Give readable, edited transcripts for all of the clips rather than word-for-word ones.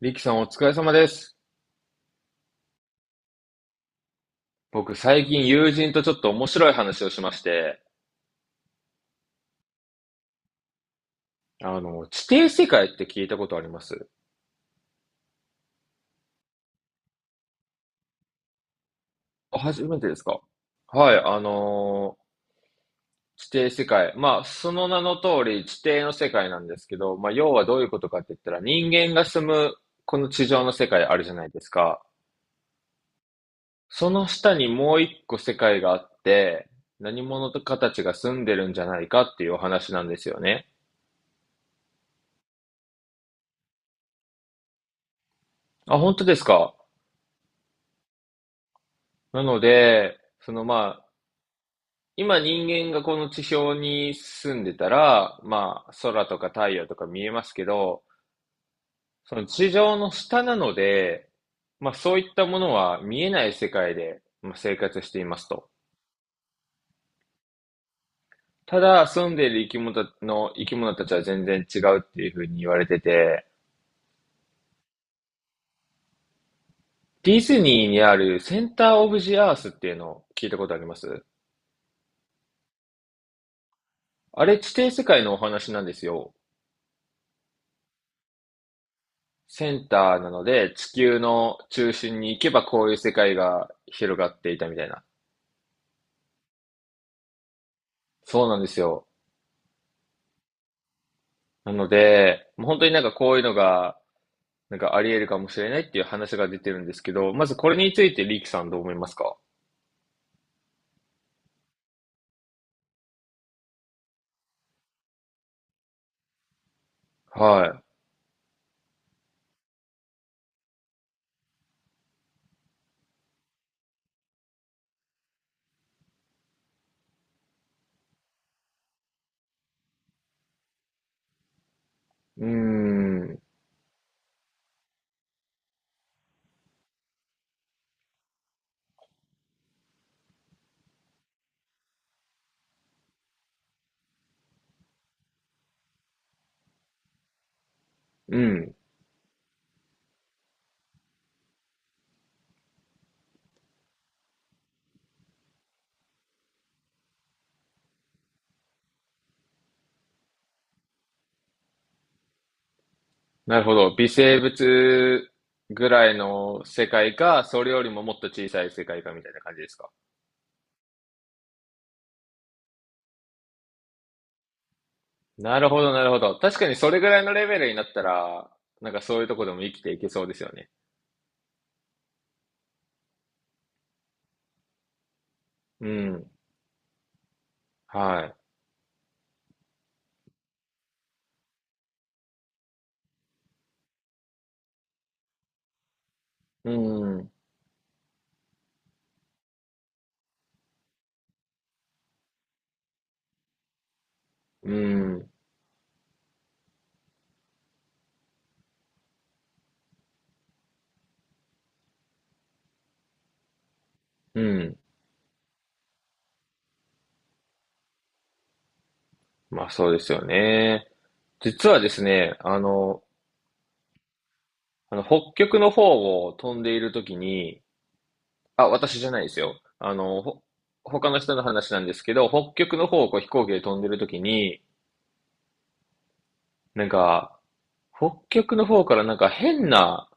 リキさんお疲れ様です。僕最近友人とちょっと面白い話をしまして、地底世界って聞いたことあります？あ、初めてですか？はい、地底世界。まあ、その名の通り地底の世界なんですけど、まあ、要はどういうことかって言ったら人間が住むこの地上の世界あるじゃないですか。その下にもう一個世界があって、何者かたちが住んでるんじゃないかっていうお話なんですよね。あ、本当ですか？なので、今人間がこの地表に住んでたら、まあ空とか太陽とか見えますけど、その地上の下なので、まあそういったものは見えない世界でまあ生活していますと。ただ住んでいる生き物たちは全然違うっていうふうに言われてて、ディズニーにあるセンターオブジアースっていうのを聞いたことあります？あれ地底世界のお話なんですよ。センターなので地球の中心に行けばこういう世界が広がっていたみたいな。そうなんですよ。なので、もう本当になんかこういうのが、なんかあり得るかもしれないっていう話が出てるんですけど、まずこれについてリーキさんどう思いますか？はい。うーん。うん。なるほど。微生物ぐらいの世界か、それよりももっと小さい世界かみたいな感じですか？なるほど、なるほど。確かにそれぐらいのレベルになったら、なんかそういうとこでも生きていけそうですよね。うん。はい。うん。うん。うん。まあそうですよね。実はですね、あの北極の方を飛んでいるときに、あ、私じゃないですよ。他の人の話なんですけど、北極の方をこう飛行機で飛んでるときに、なんか、北極の方からなんか変な、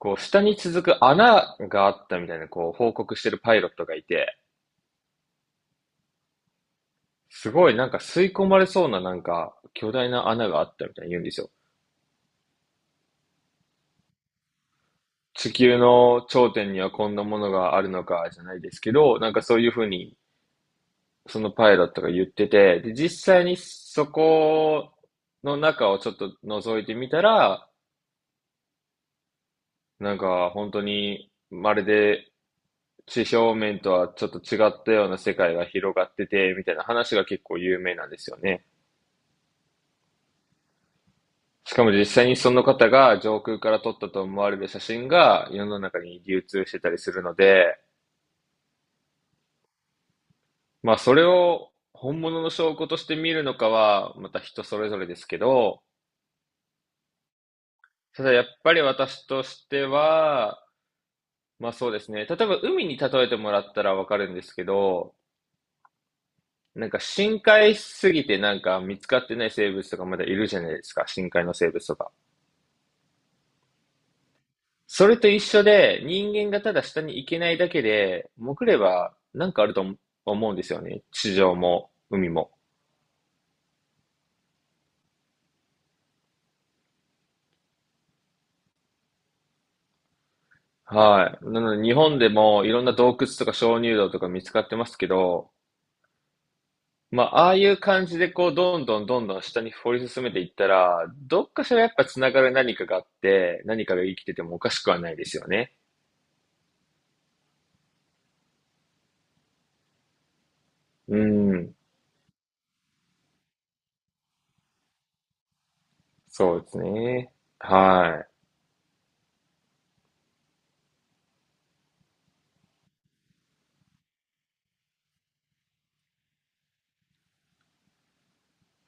こう下に続く穴があったみたいな、こう報告してるパイロットがいて、すごいなんか吸い込まれそうななんか巨大な穴があったみたいに言うんですよ。地球の頂点にはこんなものがあるのかじゃないですけど、なんかそういうふうにそのパイロットが言ってて、で、実際にそこの中をちょっと覗いてみたら、なんか本当にまるで地表面とはちょっと違ったような世界が広がってて、みたいな話が結構有名なんですよね。しかも実際にその方が上空から撮ったと思われる写真が世の中に流通してたりするので、まあ、それを本物の証拠として見るのかは、また人それぞれですけど、ただやっぱり私としては、まあそうですね。例えば海に例えてもらったらわかるんですけど、なんか深海しすぎてなんか見つかってない生物とかまだいるじゃないですか。深海の生物とか。それと一緒で、人間がただ下に行けないだけで、潜ればなんかあると思うんですよね。地上も海も。はい。なので日本でもいろんな洞窟とか鍾乳洞とか見つかってますけど、まあ、ああいう感じでこう、どんどんどんどん下に掘り進めていったら、どっかしらやっぱつながる何かがあって、何かが生きててもおかしくはないですよね。うん。そうですね。はい。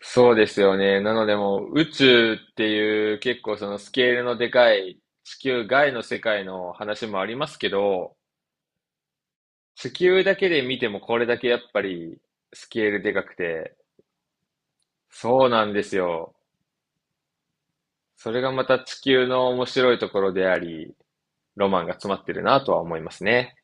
そうですよね。なのでもう宇宙っていう結構そのスケールのでかい地球外の世界の話もありますけど、地球だけで見てもこれだけやっぱりスケールでかくて、そうなんですよ。それがまた地球の面白いところであり、ロマンが詰まってるなとは思いますね。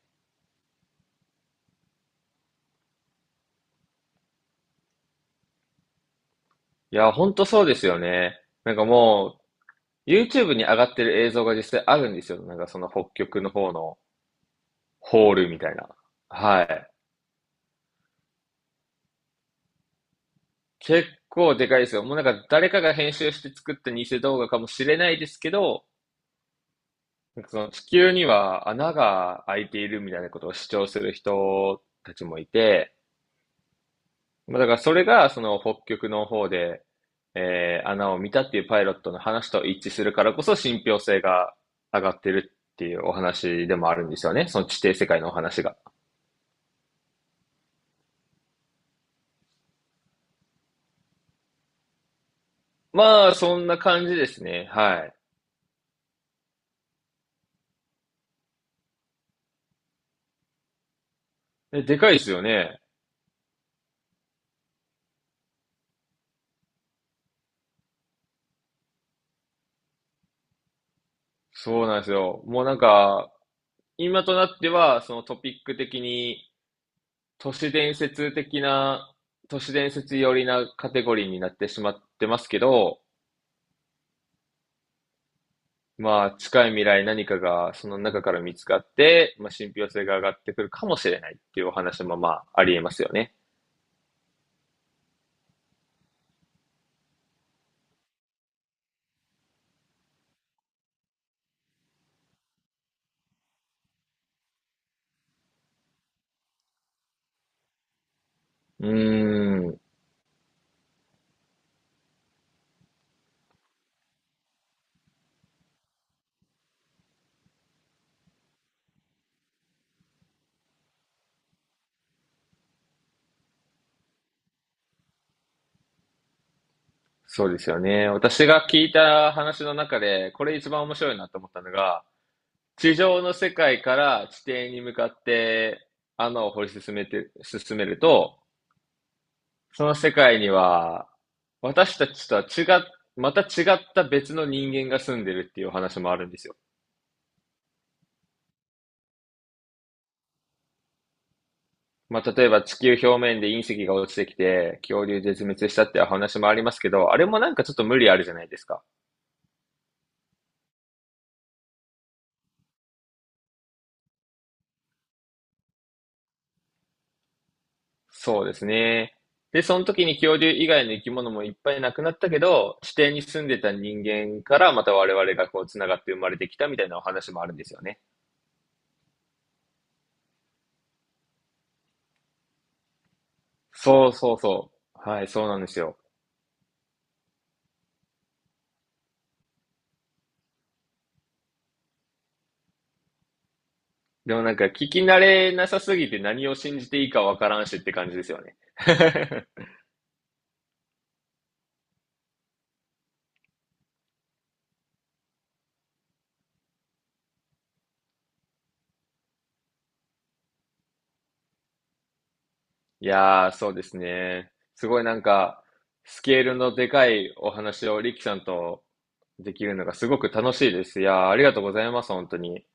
いや、ほんとそうですよね。なんかもう、YouTube に上がってる映像が実際あるんですよ。なんかその北極の方のホールみたいな。はい。結構でかいですよ。もうなんか誰かが編集して作った偽動画かもしれないですけど、なんかその地球には穴が開いているみたいなことを主張する人たちもいて、まあ、だからそれが、その北極の方で、穴を見たっていうパイロットの話と一致するからこそ信憑性が上がってるっていうお話でもあるんですよね。その地底世界のお話が。まあ、そんな感じですね。はい。でかいですよね。そうなんですよ。もうなんか、今となっては、そのトピック的に、都市伝説的な、都市伝説寄りなカテゴリーになってしまってますけど、まあ、近い未来何かがその中から見つかって、まあ、信憑性が上がってくるかもしれないっていうお話もまあ、ありえますよね。うーん、そうですよね。私が聞いた話の中で、これ一番面白いなと思ったのが、地上の世界から地底に向かって穴を掘り進めて、進めると、その世界には、私たちとは違っ、また違った別の人間が住んでるっていうお話もあるんですよ。まあ、例えば地球表面で隕石が落ちてきて、恐竜絶滅したっていう話もありますけど、あれもなんかちょっと無理あるじゃないですか。そうですね。で、その時に恐竜以外の生き物もいっぱい亡くなったけど、地底に住んでた人間からまた我々がこう繋がって生まれてきたみたいなお話もあるんですよね。そうそうそう。はい、そうなんですよ。でもなんか聞き慣れなさすぎて何を信じていいかわからんしって感じですよね。いやー、そうですね。すごいなんか、スケールのでかいお話をリキさんとできるのがすごく楽しいです。いやー、ありがとうございます、本当に。